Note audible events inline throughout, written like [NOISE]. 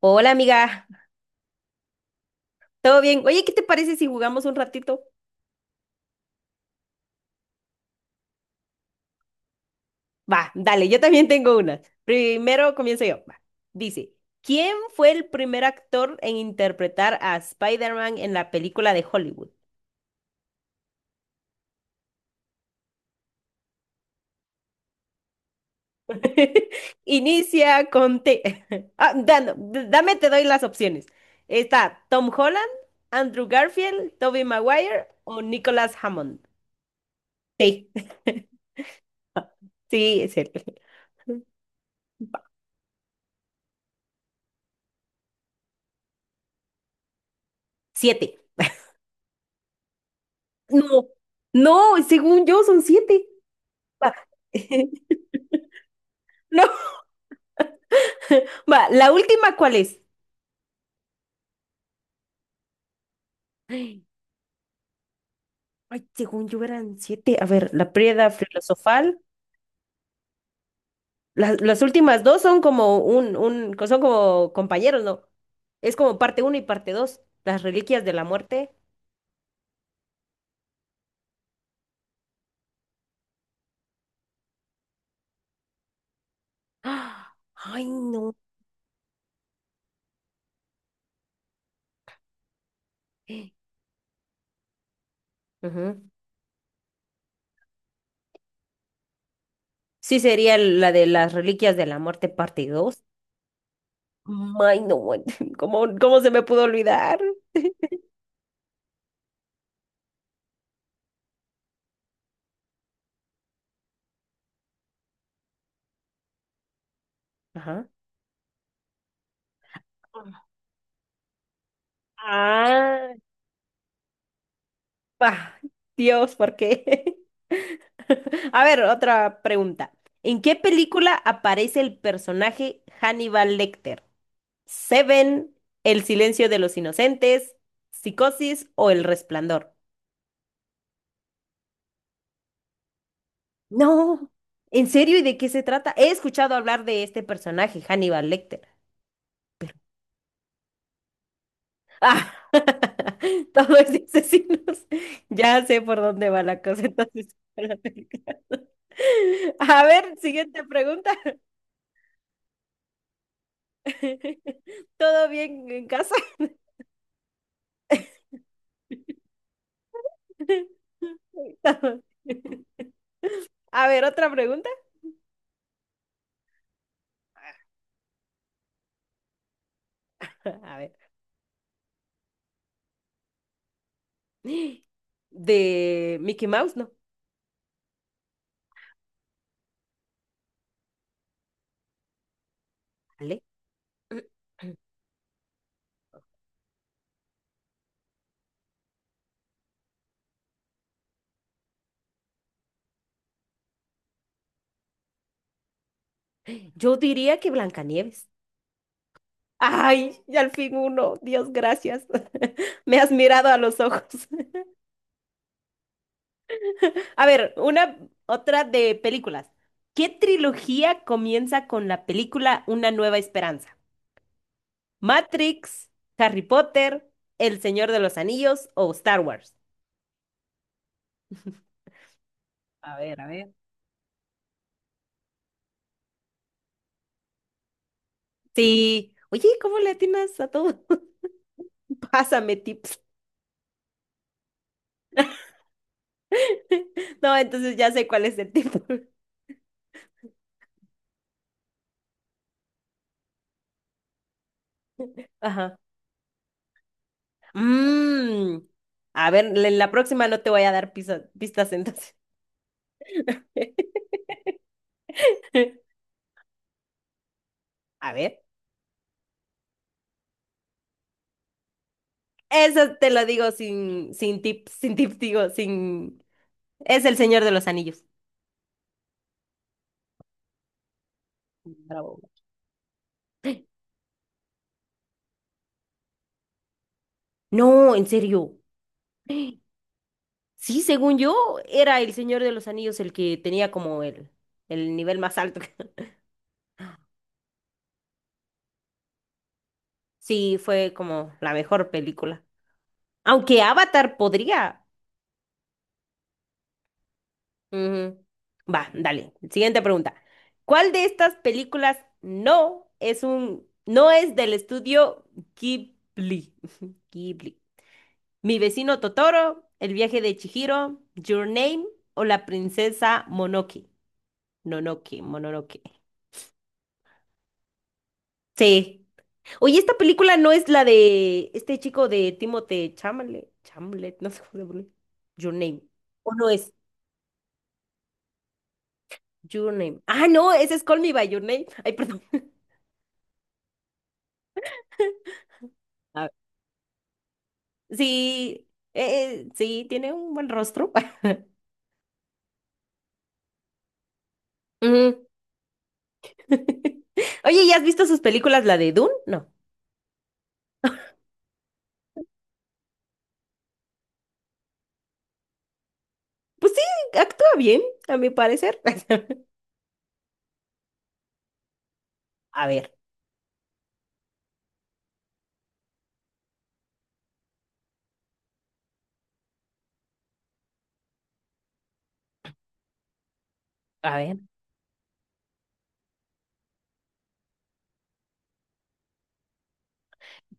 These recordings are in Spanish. Hola amiga, ¿todo bien? Oye, ¿qué te parece si jugamos un ratito? Va, dale, yo también tengo una. Primero comienzo yo. Va. Dice, ¿quién fue el primer actor en interpretar a Spider-Man en la película de Hollywood? [LAUGHS] Inicia con T. [LAUGHS] No, dame, te doy las opciones. Está Tom Holland, Andrew Garfield, Tobey Maguire o Nicholas Hammond. Sí, [LAUGHS] sí, es él. Siete. No, no, según yo son siete. Va. [LAUGHS] No, va, la última, ¿cuál es? Ay, ay, según yo eran siete. A ver, la Prieda filosofal. Las últimas dos son como son como compañeros, ¿no? Es como parte uno y parte dos. Las reliquias de la muerte. [GASPS] ¡Ah! Ay, no. Ujú. Sí, sería la de las reliquias de la muerte, parte dos. Ay, no, bueno. [LAUGHS] ¿Cómo, cómo se me pudo olvidar? Ajá. Ah, bah, Dios, ¿por qué? [LAUGHS] [LAUGHS] A ver, otra pregunta. ¿En qué película aparece el personaje Hannibal Lecter? ¿Seven, El silencio de los inocentes, Psicosis o El resplandor? No, ¿en serio? ¿Y de qué se trata? He escuchado hablar de este personaje, Hannibal Lecter. Ah, [LAUGHS] todos los asesinos. [LAUGHS] Ya sé por dónde va la cosa, entonces. [LAUGHS] La película. A ver, siguiente pregunta. [LAUGHS] ¿Todo bien en casa? [LAUGHS] A ver, otra pregunta. [LAUGHS] A ver. De Mickey Mouse, no. Vale. [CLEARS THROAT] Yo diría que Blancanieves. Ay, y al fin uno. Dios, gracias. [LAUGHS] Me has mirado a los ojos. [LAUGHS] A ver, una otra de películas. ¿Qué trilogía comienza con la película Una Nueva Esperanza? ¿Matrix, Harry Potter, El Señor de los Anillos o Star Wars? A ver, a ver. Sí. Oye, ¿cómo le atinas a todo? Pásame tips. [LAUGHS] No, entonces ya sé cuál es el tip. [LAUGHS] Ajá. Mm. A ver, en la próxima no te voy a dar pistas entonces. [LAUGHS] A ver. Eso te lo digo sin tips, sin tips, digo, sin... Es el Señor de los Anillos. Bravo. No, en serio. Sí, según yo, era el Señor de los Anillos el que tenía como el nivel más alto. [LAUGHS] Sí, fue como la mejor película. Aunque Avatar podría. Ujú. Va, dale. Siguiente pregunta. ¿Cuál de estas películas no es no es del estudio Ghibli? [LAUGHS] Ghibli. Mi vecino Totoro, El viaje de Chihiro, Your Name o La princesa Monoki. Nonoki, Mononoke. Sí. Oye, esta película no es la de este chico de Timothée Chalamet, Chalamet, no sé cómo se pronuncia. Your Name. ¿O no es? Your Name. Ah, no, ese es Call Me by Your Name. Ay, perdón. [LAUGHS] Sí, sí, tiene un buen rostro. [LAUGHS] Ujú. [LAUGHS] Oye, ¿ya has visto sus películas, la de Dune? No. Pues sí, actúa bien, a mi parecer. [LAUGHS] A ver, a ver.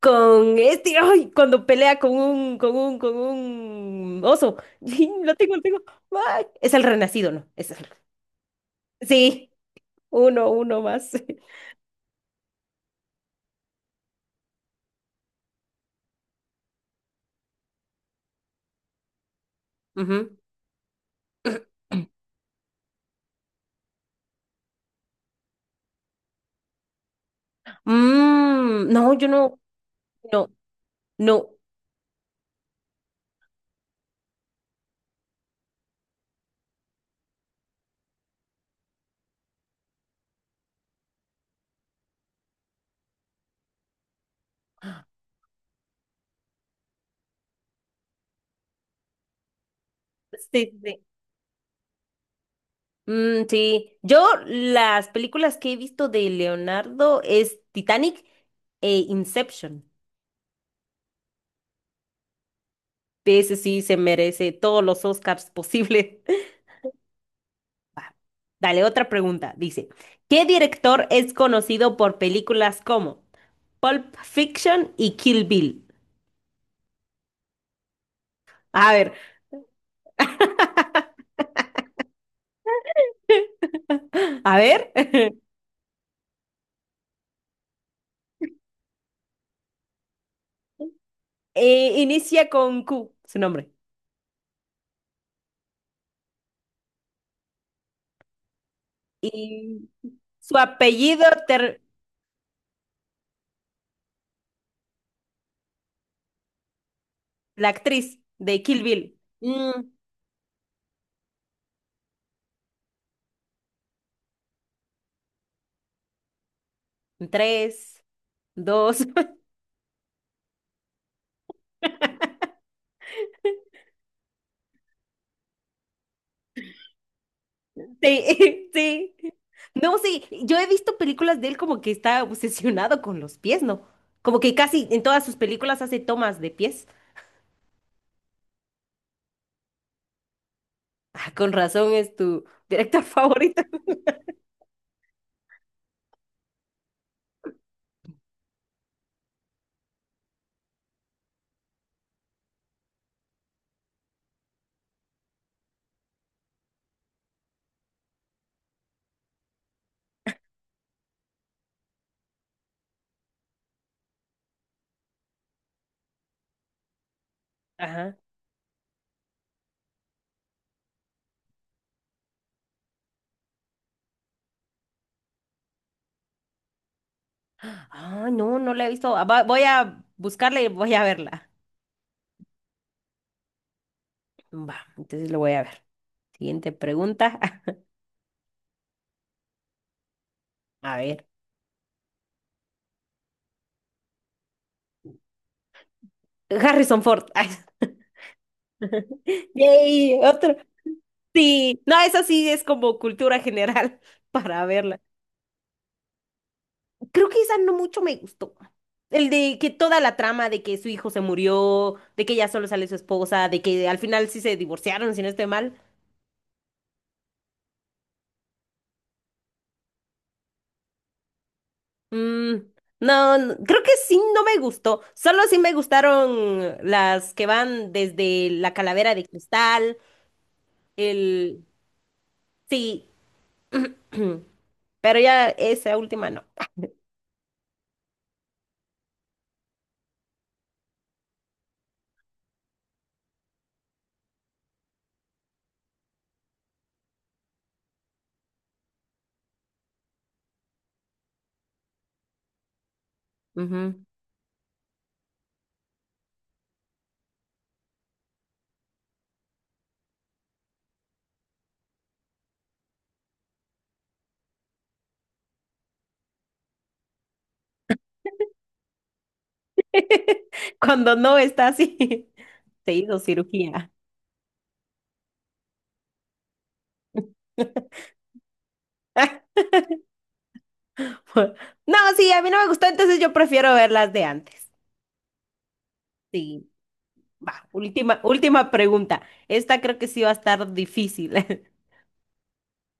Con este, ay, cuando pelea con un oso. [LAUGHS] Sí, lo tengo, lo tengo. Ay, es el renacido, ¿no? Es el... Sí, uno, uno más. [LAUGHS] Ujú. [CLEARS THROAT] Mm, no, yo no, no, no. Sí, sí. Mm, sí, yo las películas que he visto de Leonardo es Titanic e Inception. Ese sí se merece todos los Oscars posibles. [LAUGHS] Va, dale, otra pregunta. Dice, ¿qué director es conocido por películas como Pulp Fiction y Kill Bill? A ver, [LAUGHS] a ver. [LAUGHS] Inicia con Q, su nombre. Y su apellido, la actriz de Kill Bill. Mm, tres, dos. [LAUGHS] Sí, [LAUGHS] sí. No, sí, yo he visto películas de él como que está obsesionado con los pies, ¿no? Como que casi en todas sus películas hace tomas de pies. Ah, con razón es tu director [LAUGHS] favorito. Ajá. Ah, no, no la he visto. Voy a buscarla y voy a verla. Va, entonces lo voy a ver. Siguiente pregunta. [LAUGHS] A ver. Harrison Ford. [LAUGHS] Ay, yay, otro. Sí, no, eso sí es como cultura general [LAUGHS] para verla. Creo que esa no mucho me gustó. El de que toda la trama de que su hijo se murió, de que ya solo sale su esposa, de que al final sí se divorciaron, si no estoy mal. Mm, no, no, creo que sí no me gustó. Solo sí me gustaron las que van desde la calavera de cristal, el... Sí, [CLEARS THROAT] pero ya esa última no. Ujú. [LAUGHS] Cuando no está así, [LAUGHS] se hizo cirugía. [LAUGHS] [LAUGHS] No, sí, a mí no me gustó, entonces yo prefiero ver las de antes. Sí, va, última, última pregunta. Esta creo que sí va a estar difícil. [LAUGHS]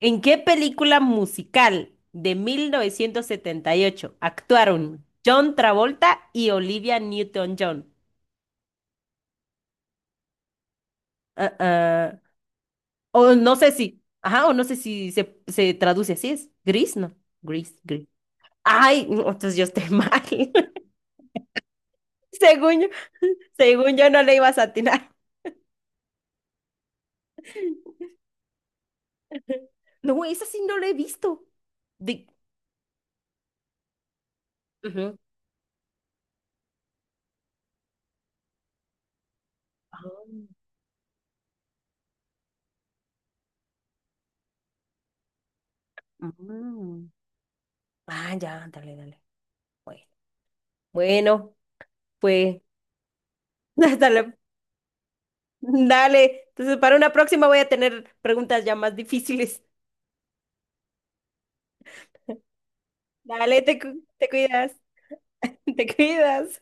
¿En qué película musical de 1978 actuaron John Travolta y Olivia Newton-John? Ah, ah, o no sé ajá, o no sé si se traduce así, ¿es gris? No, gris, gris. Ay, [LAUGHS] no, entonces yo estoy mal. [LAUGHS] Según yo, según yo no le ibas a atinar. No, esa sí no la he visto. Di- Ujú. Ah, ah. Ah, ya, dale, dale. Bueno, bueno, pues, [LAUGHS] dale, dale. Entonces, para una próxima voy a tener preguntas ya más difíciles. Dale, te, te cuidas, [LAUGHS] te cuidas.